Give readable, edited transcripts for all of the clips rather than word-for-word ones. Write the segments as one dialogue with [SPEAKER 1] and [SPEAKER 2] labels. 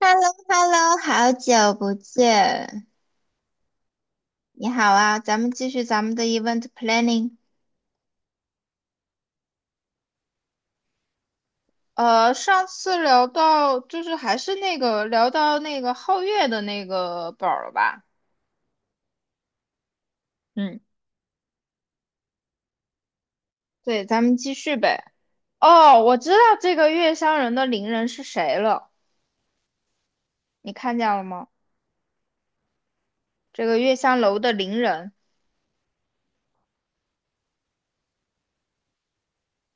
[SPEAKER 1] Hello hello 好久不见，你好啊，咱们继续咱们的 event planning。上次聊到就是还是那个聊到那个皓月的那个宝儿了吧？嗯，对，咱们继续呗。哦，我知道这个月香人的邻人是谁了，你看见了吗？这个月香楼的邻人，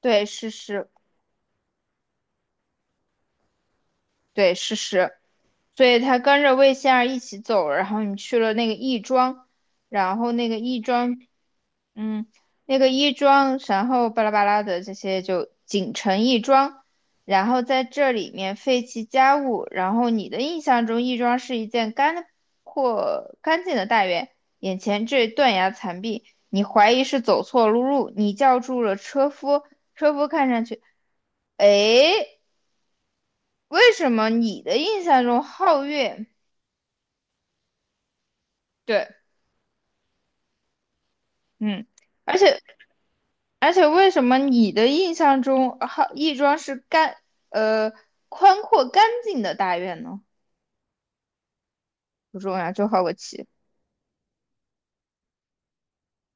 [SPEAKER 1] 对，是是，对，是是，所以他跟着魏仙儿一起走，然后你去了那个亦庄，然后那个亦庄嗯，那个亦庄，然后巴拉巴拉的这些就锦城亦庄，然后在这里面废弃家务，然后你的印象中亦庄是一件干或干净的大院，眼前这断崖残壁，你怀疑是走错路，你叫住了车夫，车夫看上去，哎，为什么你的印象中皓月，对，嗯，而且而且为什么你的印象中，好，亦庄是干，呃，宽阔干净的大院呢？不重要，就好个奇，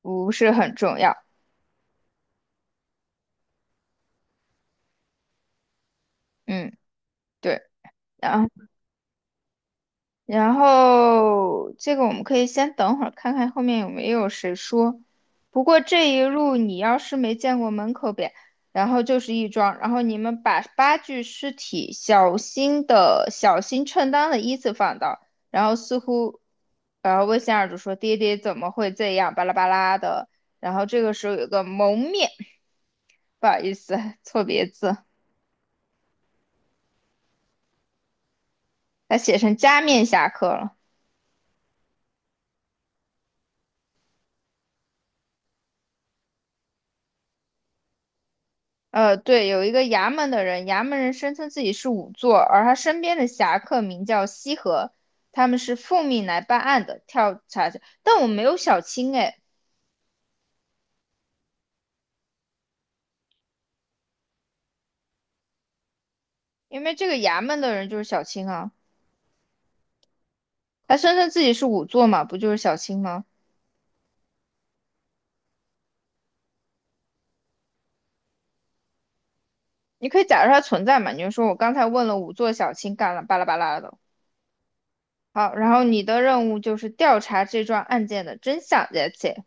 [SPEAKER 1] 不是很重要。嗯，对。然然后这个我们可以先等会儿看看后面有没有谁说。不过这一路你要是没见过门口边，然后就是一庄，然后你们把八具尸体小心的、小心称当的依次放到。然后似乎，然后魏仙儿就说：“爹爹怎么会这样？巴拉巴拉的。”然后这个时候有个蒙面，不好意思，错别字，他写成加面侠客了。对，有一个衙门的人，衙门人声称自己是仵作，而他身边的侠客名叫西河，他们是奉命来办案的，调查者。但我没有小青哎，因为这个衙门的人就是小青啊，他声称自己是仵作嘛，不就是小青吗？你可以假设他存在嘛，你就说我刚才问了仵作小青干了巴拉巴拉的。好，然后你的任务就是调查这桩案件的真相，that's it。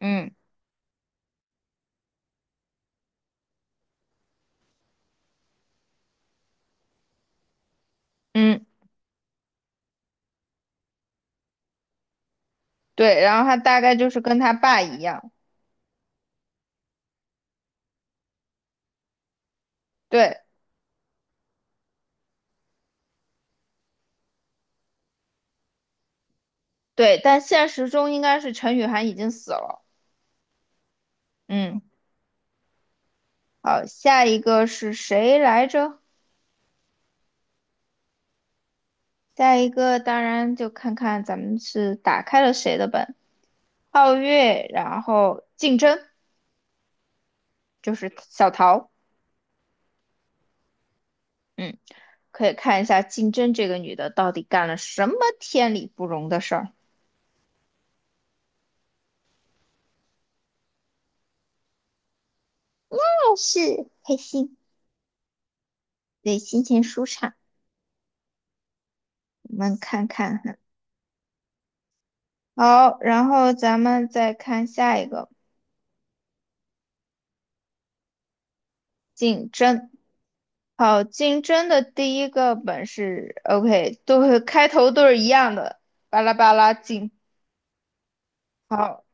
[SPEAKER 1] 嗯嗯，对，然后他大概就是跟他爸一样。对，对，但现实中应该是陈雨涵已经死了。嗯，好，下一个是谁来着？下一个当然就看看咱们是打开了谁的本。皓月，然后竞争就是小桃。嗯，可以看一下竞争这个女的到底干了什么天理不容的事儿，但是开心，对，心情舒畅。我们看看，好，然后咱们再看下一个竞争。好，竞争的第一个本是 OK，都会开头都是一样的，巴拉巴拉进。好，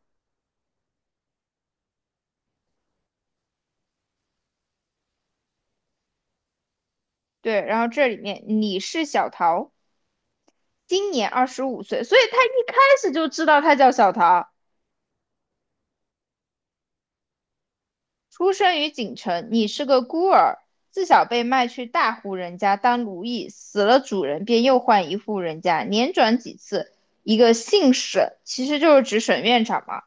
[SPEAKER 1] 对，然后这里面你是小桃，今年25岁，所以他一开始就知道他叫小桃，出生于锦城，你是个孤儿，自小被卖去大户人家当奴役，死了主人便又换一户人家，连转几次，一个姓沈，其实就是指沈院长嘛。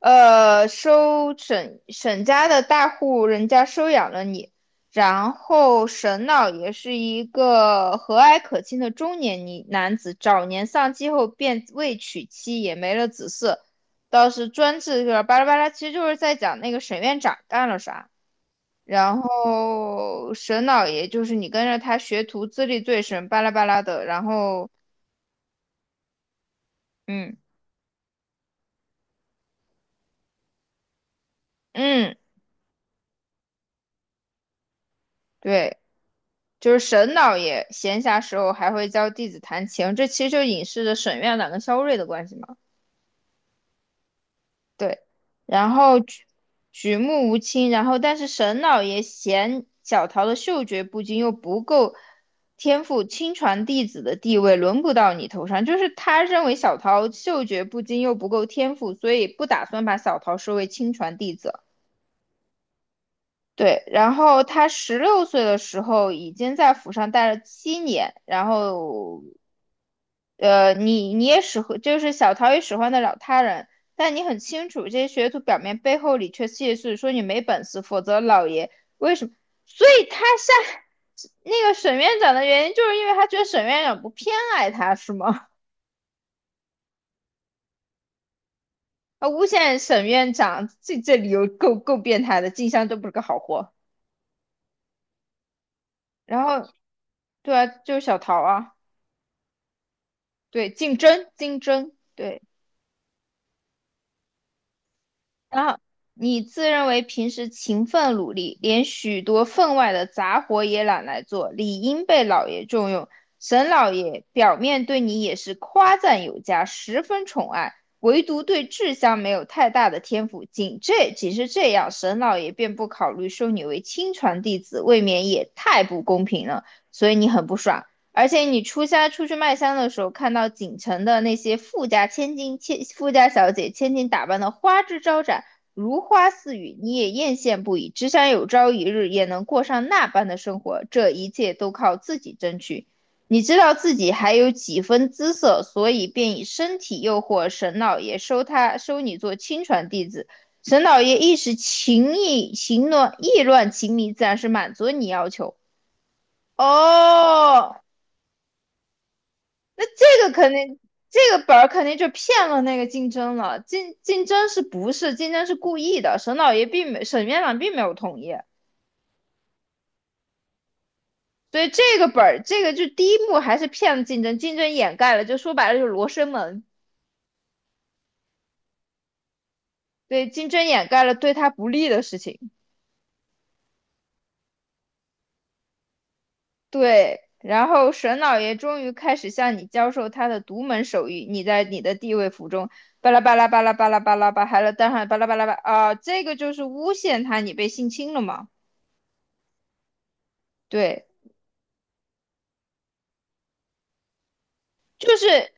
[SPEAKER 1] 收沈家的大户人家收养了你，然后沈老爷是一个和蔼可亲的中年女男子，早年丧妻后便未娶妻，也没了子嗣，倒是专制就是巴拉巴拉，其实就是在讲那个沈院长干了啥。然后沈老爷就是你跟着他学徒，资历最深，巴拉巴拉的。然后，嗯嗯，对。就是沈老爷闲暇时候还会教弟子弹琴，这其实就隐示着沈院长跟肖睿的关系嘛。对，然后举目无亲，然后但是沈老爷嫌小桃的嗅觉不精，又不够天赋，亲传弟子的地位轮不到你头上。就是他认为小桃嗅觉不精又不够天赋，所以不打算把小桃收为亲传弟子。对，然后他16岁的时候已经在府上待了7年，然后，你也使唤，就是小桃也使唤得了他人，但你很清楚这些学徒表面背后里却窃是说你没本事，否则老爷为什么？所以他下那个沈院长的原因，就是因为他觉得沈院长不偏爱他，是吗？啊，诬陷沈院长，这理由够变态的，静香都不是个好货。然后，对啊，就是小桃啊。对，竞争，竞争，对。然后你自认为平时勤奋努力，连许多分外的杂活也懒来做，理应被老爷重用。沈老爷表面对你也是夸赞有加，十分宠爱，唯独对志香没有太大的天赋。仅是这样，沈老爷便不考虑收你为亲传弟子，未免也太不公平了。所以你很不爽。而且你出家出去卖香的时候，看到锦城的那些富家千金、千富家小姐、千金打扮的花枝招展，如花似玉，你也艳羡不已。只想有朝一日也能过上那般的生活，这一切都靠自己争取。你知道自己还有几分姿色，所以便以身体诱惑沈老爷收你做亲传弟子。沈老爷一时情意情乱意乱情迷，自然是满足你要求。哦，这个肯定，这个本儿肯定就骗了那个竞争了。竞争是不是竞争是故意的？沈老爷并没，沈院长并没有同意，所以这个本儿，这个就第一幕还是骗了竞争，竞争掩盖了，就说白了就是罗生门，对，竞争掩盖了对他不利的事情，对。然后沈老爷终于开始向你教授他的独门手艺，你在你的地位府中，巴拉巴拉巴拉巴拉巴拉巴，还有当然巴拉巴拉巴啊，这个就是诬陷他你被性侵了嘛？对，就是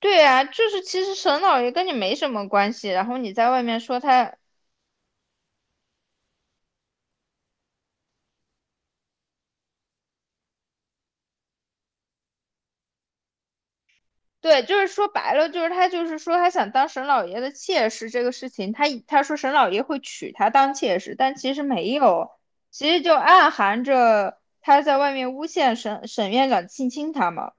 [SPEAKER 1] 对啊，就是其实沈老爷跟你没什么关系，然后你在外面说他，对，就是说白了，就是他就是说他想当沈老爷的妾室这个事情，他说沈老爷会娶她当妾室，但其实没有，其实就暗含着他在外面诬陷沈院长性侵他嘛。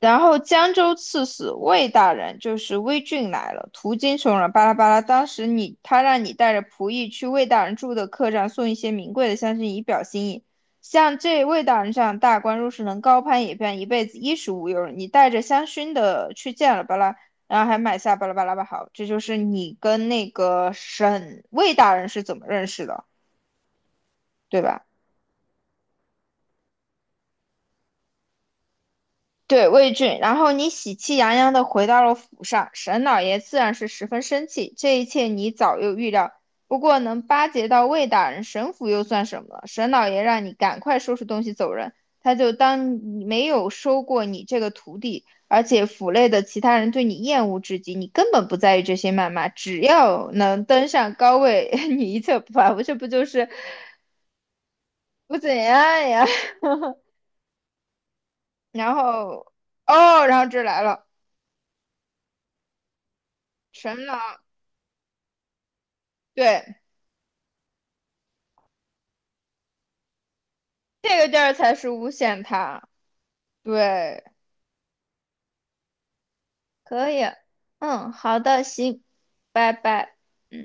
[SPEAKER 1] 然后江州刺史魏大人就是魏俊来了，途经穷人，巴拉巴拉。当时你他让你带着仆役去魏大人住的客栈送一些名贵的香薰以表心意。像这魏大人这样大官，若是能高攀一变，一辈子衣食无忧。你带着香薰的去见了巴拉，然后还买下巴拉巴拉吧。好，这就是你跟那个沈魏大人是怎么认识的，对吧？对，魏俊，然后你喜气洋洋地回到了府上，沈老爷自然是十分生气。这一切你早有预料，不过能巴结到魏大人，沈府又算什么？沈老爷让你赶快收拾东西走人，他就当你没有收过你这个徒弟。而且府内的其他人对你厌恶至极，你根本不在意这些谩骂，只要能登上高位，你一切不怕。不这不就是不怎样呀？然后哦，然后这来了，沈老，对。这个地儿才是诬陷他，对，可以。嗯，好的，行，拜拜。